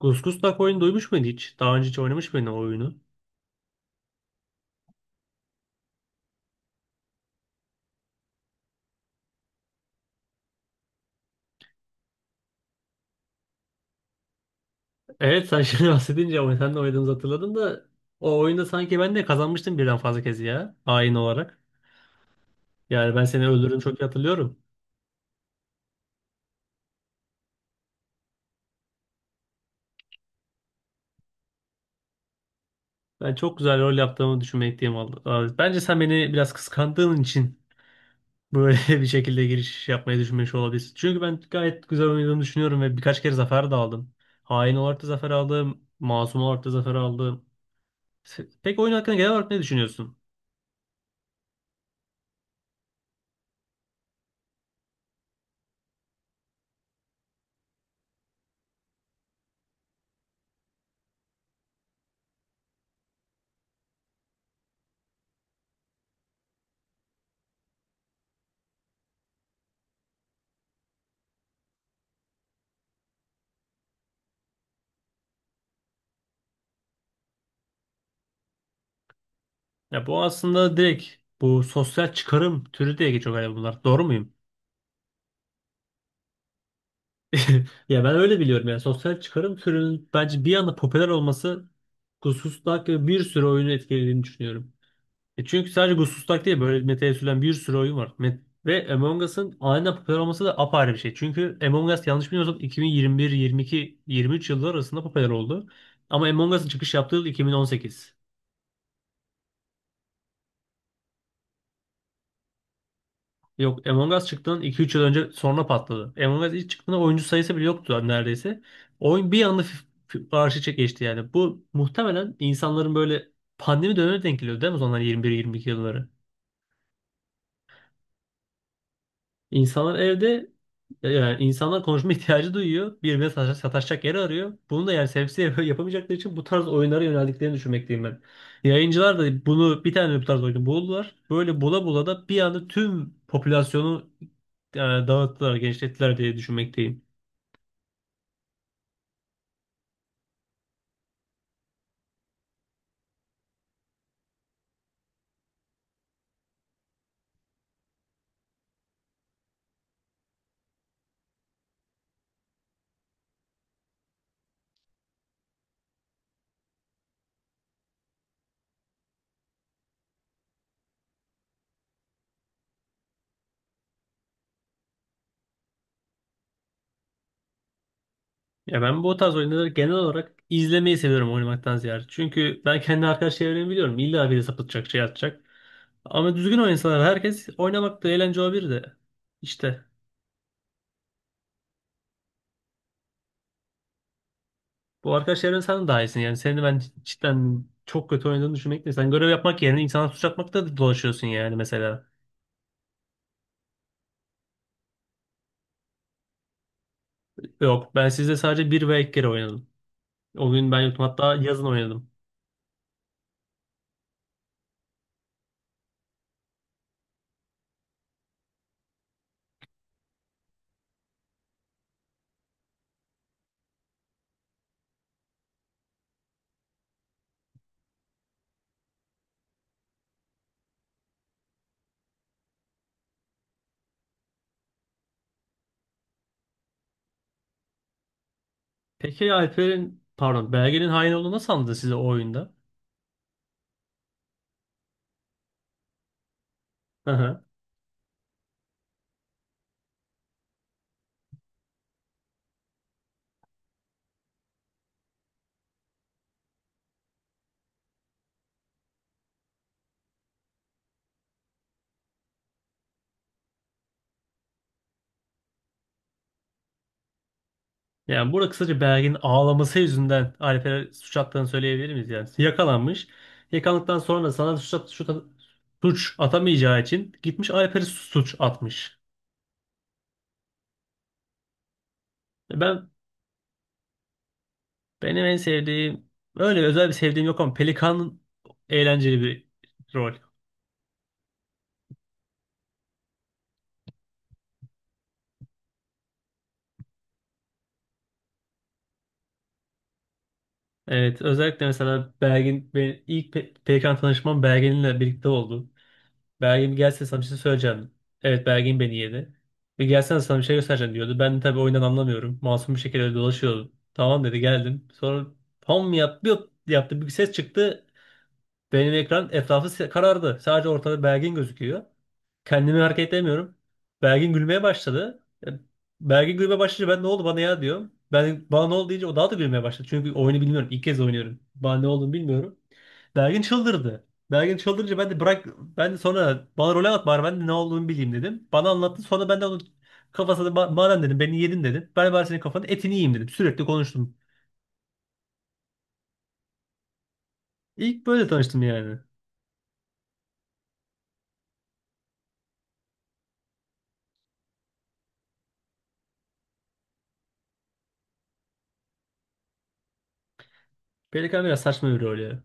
Gus Tak oyunu duymuş muydun hiç? Daha önce hiç oynamış mıydın o oyunu? Evet sen şimdi bahsedince ama sen de oynadığımızı hatırladım da o oyunda sanki ben de kazanmıştım birden fazla kez ya. Hain olarak. Yani ben seni öldürdüğümü çok iyi hatırlıyorum. Ben çok güzel rol yaptığımı düşünmekteyim vallahi. Bence sen beni biraz kıskandığın için böyle bir şekilde giriş yapmayı düşünmüş olabilirsin. Çünkü ben gayet güzel oynadığımı düşünüyorum ve birkaç kere zafer de aldım. Hain olarak da zafer aldım. Masum olarak da zafer aldım. Peki oyun hakkında genel olarak ne düşünüyorsun? Ya bu aslında direkt bu sosyal çıkarım türü diye geçiyor galiba bunlar. Doğru muyum? Ya ben öyle biliyorum, yani sosyal çıkarım türünün bence bir anda popüler olması Gusustak ve bir sürü oyunu etkilediğini düşünüyorum. E çünkü sadece Gusustak değil, böyle metaya sürülen bir sürü oyun var. Ve Among Us'ın aniden popüler olması da apayrı bir şey. Çünkü Among Us, yanlış bilmiyorsam, 2021, 22, 23 yılları arasında popüler oldu. Ama Among Us'ın çıkış yaptığı yıl 2018. Yok, Among Us çıktığından iki üç yıl önce sonra patladı. Among Us ilk çıktığında oyuncu sayısı bile yoktu neredeyse. Oyun bir anda arşa geçti yani. Bu muhtemelen insanların böyle pandemi dönemine denk geliyor değil mi? O zaman 21-22 yılları. İnsanlar evde, yani insanlar konuşma ihtiyacı duyuyor. Birbirine sataşacak yer arıyor. Bunu da yani sebepsiz yapamayacakları için bu tarz oyunlara yöneldiklerini düşünmekteyim ben. Yayıncılar da bunu, bir tane bu tarz oyunu buldular. Böyle bula bula da bir anda tüm popülasyonu dağıttılar, genişlettiler diye düşünmekteyim. Ya ben bu tarz oyunları genel olarak izlemeyi seviyorum oynamaktan ziyade. Çünkü ben kendi arkadaş çevremi biliyorum. İlla biri sapıtacak, şey atacak. Ama düzgün oynasalar herkes oynamak da eğlence olabilir de. İşte bu arkadaş çevren, sen daha iyisin yani. Seni ben cidden çok kötü oynadığını düşünmekle. Sen görev yapmak yerine insana suç atmakta da dolaşıyorsun yani mesela. Yok, ben sizde sadece bir ve iki kere oynadım. O gün ben yoktum, hatta yazın oynadım. Peki Alper'in, pardon, Belge'nin hain olduğunu nasıl anladın size o oyunda? Yani burada kısaca Bergen'in ağlaması yüzünden Alper'e suç attığını söyleyebilir miyiz yani? Yakalanmış. Yakalandıktan sonra sana suç, at- suç, at- suç atamayacağı için gitmiş Alper'e suç atmış. Ben benim en sevdiğim, öyle özel bir sevdiğim yok ama Pelikan eğlenceli bir rol. Evet, özellikle mesela Bergen, benim ilk Pelikan tanışmam Bergen'le birlikte oldu. Belgin bir gelsene, sana bir şey söyleyeceğim. Evet, Belgin beni yedi. Bir gelsene, sana bir şey göstereceğim diyordu. Ben de tabii oyundan anlamıyorum. Masum bir şekilde dolaşıyordum. Tamam dedi, geldim. Sonra pam, yap, bir yaptı, bir ses çıktı. Benim ekran etrafı karardı. Sadece ortada Belgin gözüküyor. Kendimi hareket edemiyorum. Belgin gülmeye başladı. Belgin gülmeye başlayınca ben ne oldu bana ya diyorum. Ben bana ne oldu deyince o daha da gülmeye başladı. Çünkü oyunu bilmiyorum. İlk kez oynuyorum. Bana ne olduğunu bilmiyorum. Belgin çıldırdı. Belgin çıldırınca ben de sonra bana rol at bari ben de ne olduğunu bileyim dedim. Bana anlattı, sonra ben de onun kafasına, "Ma- madem dedim beni yedin dedim. Ben bari senin kafanın etini yiyeyim dedim." Sürekli konuştum. İlk böyle tanıştım yani. Pelikan biraz saçma bir rol ya.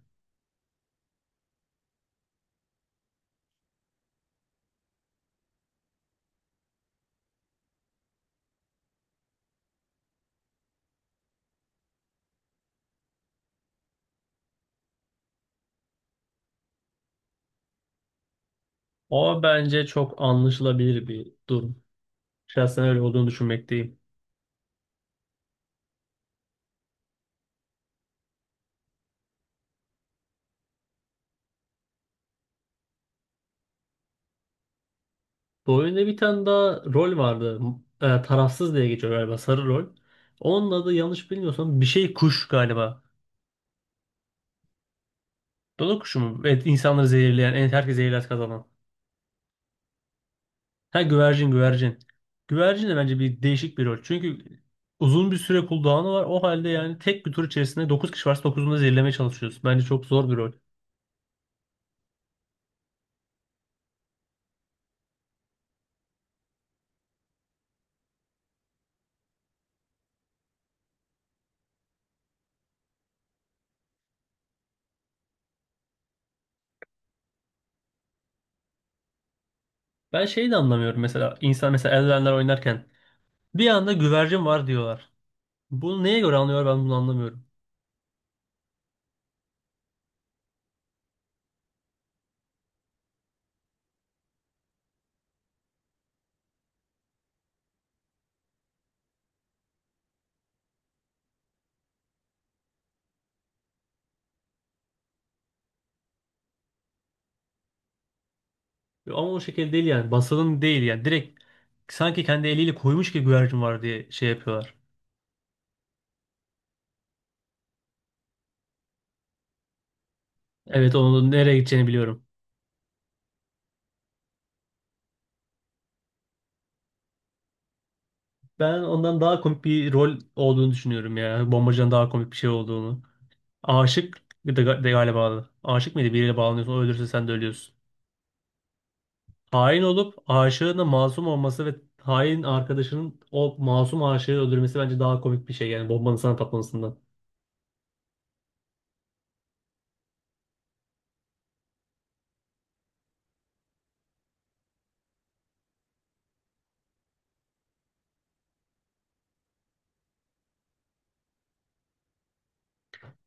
O bence çok anlaşılabilir bir durum. Şahsen öyle olduğunu düşünmekteyim. Bu oyunda bir tane daha rol vardı. Tarafsız diye geçiyor galiba, sarı rol. Onun adı, yanlış bilmiyorsam, bir şey kuş galiba. Dodo kuşu mu? Evet, insanları zehirleyen, en herkes zehirler kazanan. Ha, güvercin güvercin. Güvercin de bence bir değişik bir rol. Çünkü uzun bir süre cooldown'u var. O halde yani tek bir tur içerisinde 9 kişi varsa 9'unu da zehirlemeye çalışıyoruz. Bence çok zor bir rol. Ben şeyi de anlamıyorum mesela. İnsan mesela Elden'ler oynarken bir anda güvercin var diyorlar. Bunu neye göre anlıyor, ben bunu anlamıyorum. Ama o şekilde değil yani. Basalım değil yani. Direkt sanki kendi eliyle koymuş gibi güvercin var diye şey yapıyorlar. Evet, onun nereye gideceğini biliyorum. Ben ondan daha komik bir rol olduğunu düşünüyorum ya. Bombacıdan daha komik bir şey olduğunu. Aşık bir de, de galiba. Aşık mıydı? Biriyle bağlanıyorsun. O ölürse sen de ölüyorsun. Hain olup aşığına masum olması ve hain arkadaşının o masum aşığı öldürmesi bence daha komik bir şey. Yani bombanın sana patlamasından.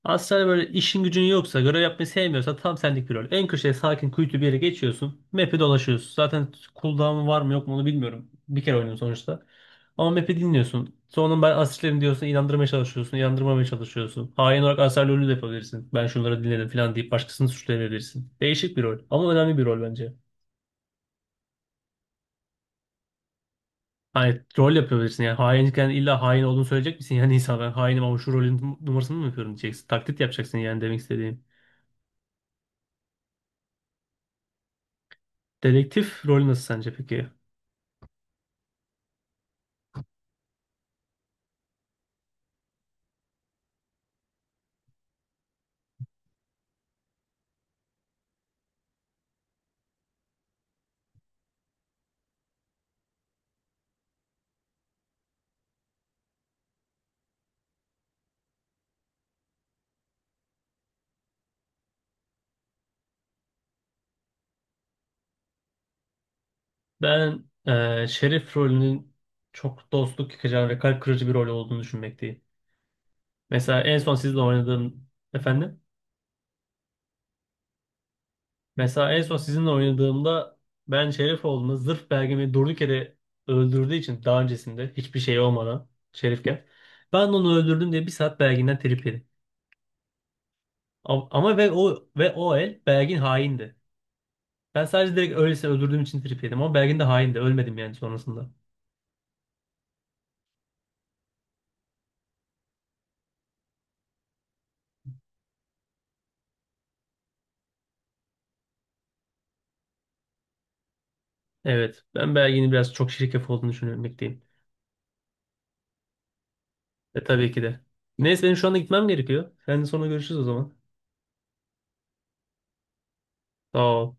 Aslında böyle işin gücün yoksa, görev yapmayı sevmiyorsan tam senlik bir rol. En köşeye, sakin kuytu bir yere geçiyorsun. Map'i dolaşıyorsun. Zaten cooldown'u var mı yok mu onu bilmiyorum. Bir kere oynadım sonuçta. Ama map'i dinliyorsun. Sonra ben asistlerim diyorsun, inandırmaya çalışıyorsun. İnandırmamaya çalışıyorsun. Hain olarak aser rolü de yapabilirsin. Ben şunları dinledim falan deyip başkasını suçlayabilirsin. Değişik bir rol ama önemli bir rol bence. Hani rol yapabilirsin yani, hainken illa hain olduğunu söyleyecek misin? Yani insan ben hainim ama şu rolün numarasını mı yapıyorum diyeceksin. Taklit yapacaksın yani demek istediğim. Dedektif rolü nasıl sence peki? Ben Şerif rolünün çok dostluk yıkacağını ve kalp kırıcı bir rol olduğunu düşünmekteyim. Mesela en son sizinle oynadığım efendim. Mesela en son sizinle oynadığımda, ben Şerif olduğunda, zırh belgemi durduk yere öldürdüğü için, daha öncesinde hiçbir şey olmadan Şerifken ben onu öldürdüm diye bir saat belginden trip yedim. Ama ve o el belgin haindi. Ben sadece direkt öylesine öldürdüğüm için trip yedim ama belgin de haindi. Ölmedim yani sonrasında. Evet, ben belginin biraz çok şirkef olduğunu düşünmekteyim. E tabii ki de. Neyse, benim şu anda gitmem gerekiyor. Seninle sonra görüşürüz o zaman. Sağ ol.